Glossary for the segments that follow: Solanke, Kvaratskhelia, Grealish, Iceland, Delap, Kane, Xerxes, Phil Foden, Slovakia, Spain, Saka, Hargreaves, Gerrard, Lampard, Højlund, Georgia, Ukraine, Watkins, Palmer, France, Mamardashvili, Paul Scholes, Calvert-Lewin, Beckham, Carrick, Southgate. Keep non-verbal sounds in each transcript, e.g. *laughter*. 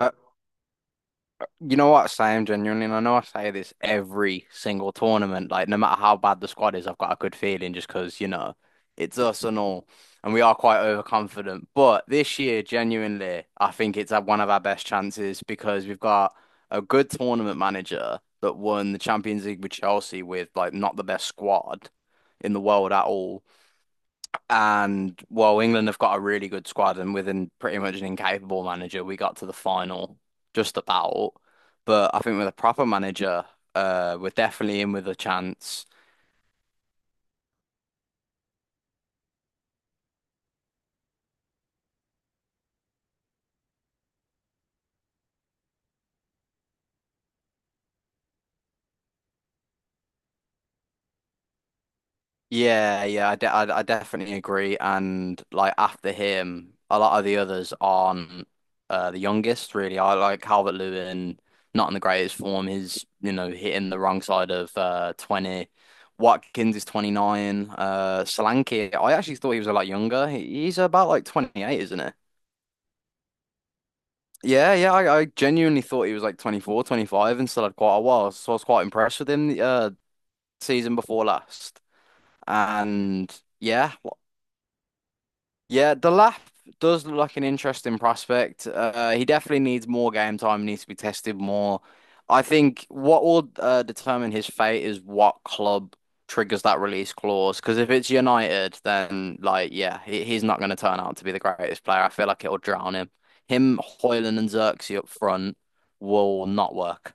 Uh, Sam, genuinely, and I know I say this every single tournament, like no matter how bad the squad is, I've got a good feeling just because it's us and all, and we are quite overconfident. But this year, genuinely, I think it's had one of our best chances because we've got a good tournament manager that won the Champions League with Chelsea with like not the best squad in the world at all. And while England have got a really good squad and within pretty much an incapable manager, we got to the final just about. But I think with a proper manager, we're definitely in with a chance. Yeah, yeah, I definitely agree. And like after him, a lot of the others aren't the youngest, really. I like Calvert-Lewin, not in the greatest form. He's hitting the wrong side of 20. Watkins is 29. Solanke, I actually thought he was a lot younger. He's about like 28, isn't he? Yeah, yeah, I genuinely thought he was like 24, 25, and still had quite a while. So I was quite impressed with him the season before last. And yeah. Yeah, the Delap does look like an interesting prospect. He definitely needs more game time, needs to be tested more. I think what will determine his fate is what club triggers that release clause. Because if it's United, then like yeah, he, he's not going to turn out to be the greatest player. I feel like it'll drown him. Him, Højlund, and Xerxes up front will not work.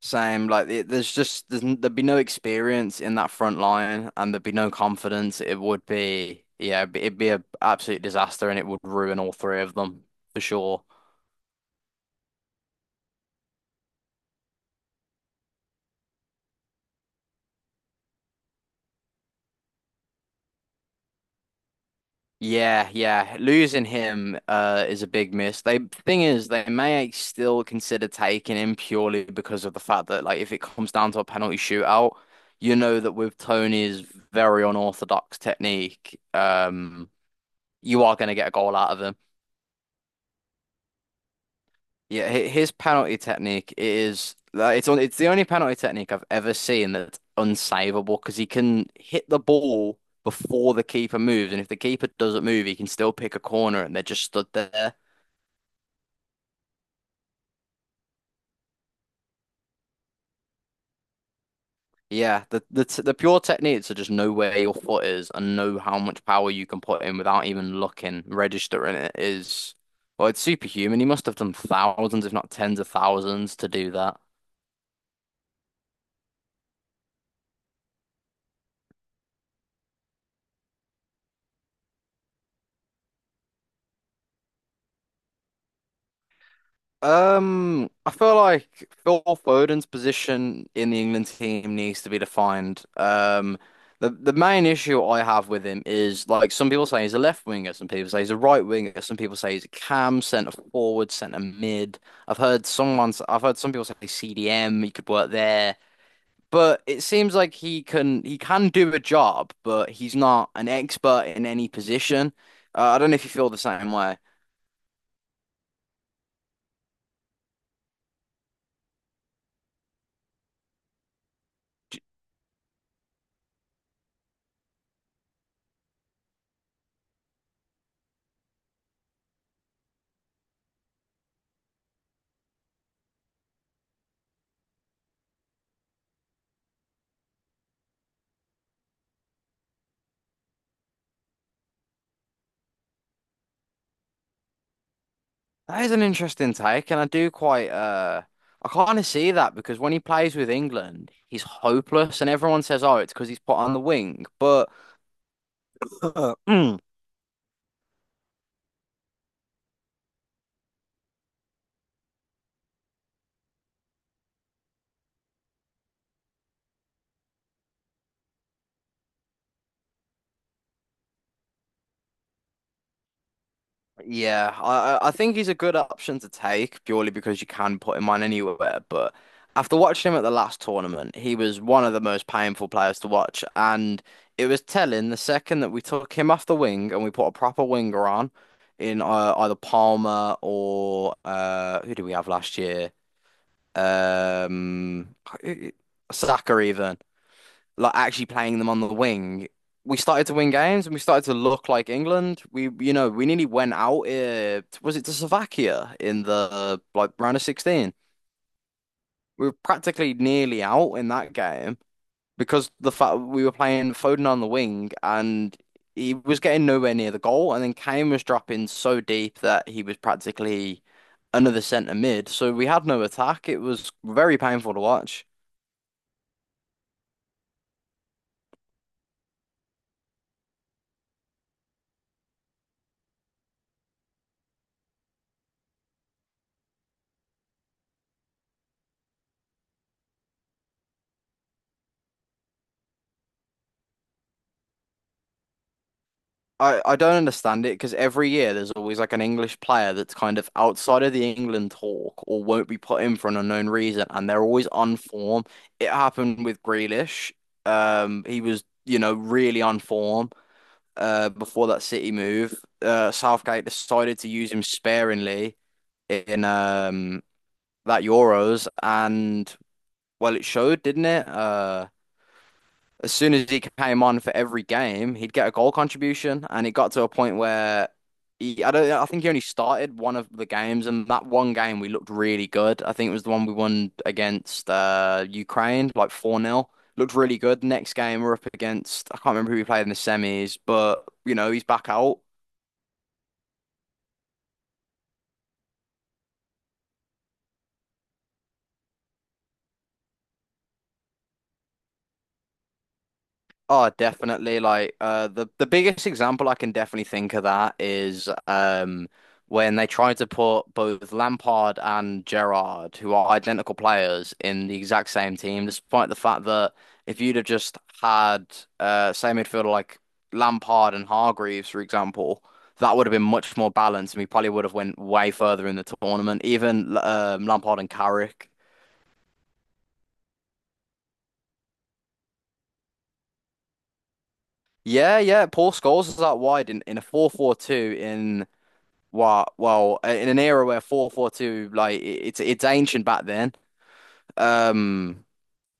Same, like it, there's just there's, n- there'd be no experience in that front line, and there'd be no confidence. It would be yeah, it'd be a absolute disaster, and it would ruin all three of them for sure. Yeah, yeah, losing him is a big miss. They thing is, they may still consider taking him purely because of the fact that like if it comes down to a penalty shootout, you know that with Tony's very unorthodox technique, you are going to get a goal out of him. Yeah, his penalty technique is like, it's the only penalty technique I've ever seen that's unsavable because he can hit the ball before the keeper moves, and if the keeper doesn't move, he can still pick a corner, and they're just stood there. Yeah, the pure techniques are just know where your foot is and know how much power you can put in without even looking, registering it is well, it's superhuman. He must have done thousands, if not tens of thousands, to do that. I feel like Phil Foden's position in the England team needs to be defined. The main issue I have with him is like some people say he's a left winger, some people say he's a right winger, some people say he's a cam, centre forward, centre mid. I've heard some people say CDM, he could work there, but it seems like he can do a job, but he's not an expert in any position. I don't know if you feel the same. That is an interesting take, and I do quite I kind of see that because when he plays with England, he's hopeless, and everyone says, "Oh, it's because he's put on the wing." But *laughs* *clears throat* yeah, I think he's a good option to take purely because you can put him on anywhere. But after watching him at the last tournament, he was one of the most painful players to watch, and it was telling the second that we took him off the wing and we put a proper winger on in either Palmer or who did we have last year? um, Saka even, like actually playing them on the wing. We started to win games and we started to look like England. We, you know, we nearly went out. Was it to Slovakia in the like round of 16? We were practically nearly out in that game because the fact we were playing Foden on the wing and he was getting nowhere near the goal. And then Kane was dropping so deep that he was practically another centre mid. So we had no attack. It was very painful to watch. I don't understand it because every year there's always like an English player that's kind of outside of the England talk or won't be put in for an unknown reason, and they're always on form. It happened with Grealish. He was, you know, really on form before that City move. Southgate decided to use him sparingly in that Euros, and well, it showed, didn't it? As soon as he came on for every game, he'd get a goal contribution, and it got to a point where he, I don't, I think he only started one of the games, and that one game we looked really good. I think it was the one we won against Ukraine, like 4 nil. Looked really good. Next game we're up against, I can't remember who we played in the semis, but you know he's back out. Oh, definitely. Like the biggest example I can definitely think of that is when they tried to put both Lampard and Gerrard, who are identical players, in the exact same team, despite the fact that if you'd have just had say midfielder like Lampard and Hargreaves, for example, that would have been much more balanced, and we probably would have went way further in the tournament. Even Lampard and Carrick. Yeah, yeah. Paul Scholes is out wide in a 4-4-2 in. Well, well, in an era where 442 like, it's ancient back then. Um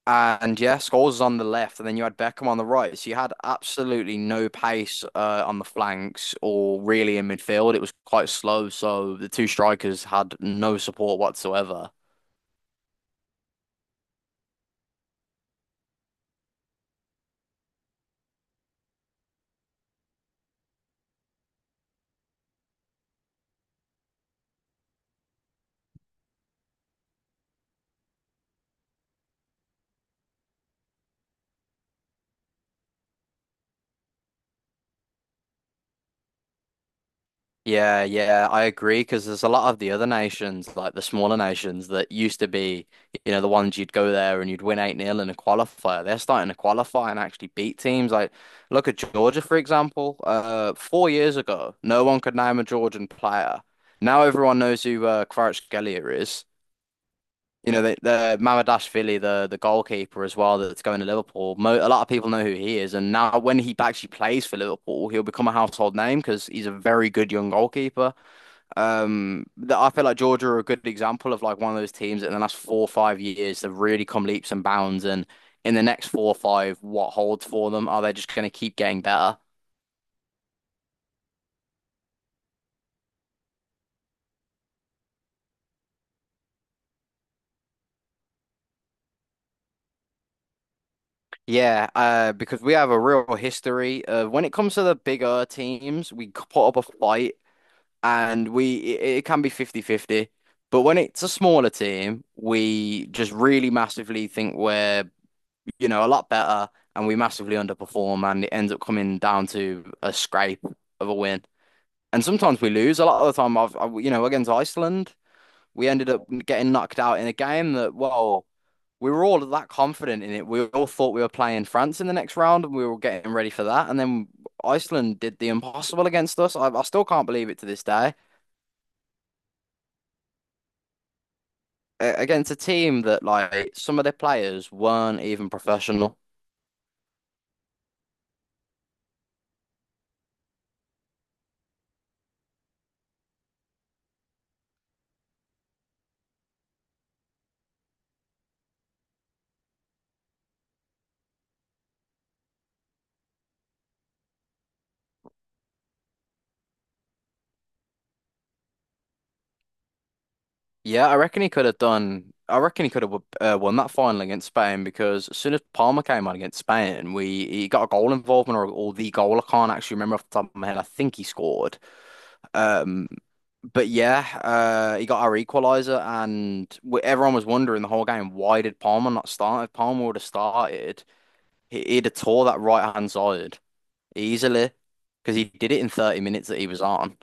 and yeah, Scholes was on the left and then you had Beckham on the right. So you had absolutely no pace on the flanks or really in midfield. It was quite slow, so the two strikers had no support whatsoever. Yeah, yeah, I agree because there's a lot of the other nations, like the smaller nations that used to be, you know, the ones you'd go there and you'd win 8 nil in a qualifier. They're starting to qualify and actually beat teams. Like, look at Georgia, for example. 4 years ago, no one could name a Georgian player. Now everyone knows who Kvaratskhelia is. You know, the Mamardashvili, the goalkeeper as well, that's going to Liverpool. Mo A lot of people know who he is, and now when he actually plays for Liverpool, he'll become a household name because he's a very good young goalkeeper. That I feel like Georgia are a good example of like one of those teams that in the last 4 or 5 years have really come leaps and bounds. And in the next four or five, what holds for them? Are they just going to keep getting better? Yeah, because we have a real history of when it comes to the bigger teams, we put up a fight and it can be 50 50. But when it's a smaller team, we just really massively think we're a lot better, and we massively underperform, and it ends up coming down to a scrape of a win. And sometimes we lose. A lot of the time, I've, I, you know, against Iceland, we ended up getting knocked out in a game that, well, we were all that confident in it. We all thought we were playing France in the next round, and we were getting ready for that. And then Iceland did the impossible against us. I still can't believe it to this day. Against a team that, like, some of their players weren't even professional. Yeah, I reckon he could have done. I reckon he could have won that final against Spain because as soon as Palmer came on against Spain, we he got a goal involvement or the goal. I can't actually remember off the top of my head. I think he scored. Um, but yeah, he got our equaliser, and w everyone was wondering the whole game why did Palmer not start? If Palmer would have started, he'd have tore that right hand side easily because he did it in 30 minutes that he was on.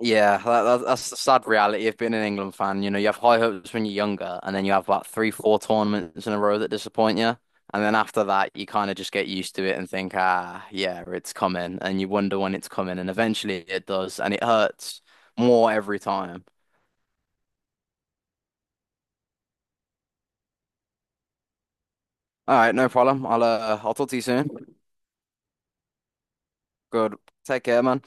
Yeah, that's the sad reality of being an England fan. You know, you have high hopes when you're younger, and then you have about three, four tournaments in a row that disappoint you. And then after that, you kind of just get used to it and think, ah, yeah, it's coming. And you wonder when it's coming. And eventually it does. And it hurts more every time. All right, no problem. I'll talk to you soon. Good. Take care, man.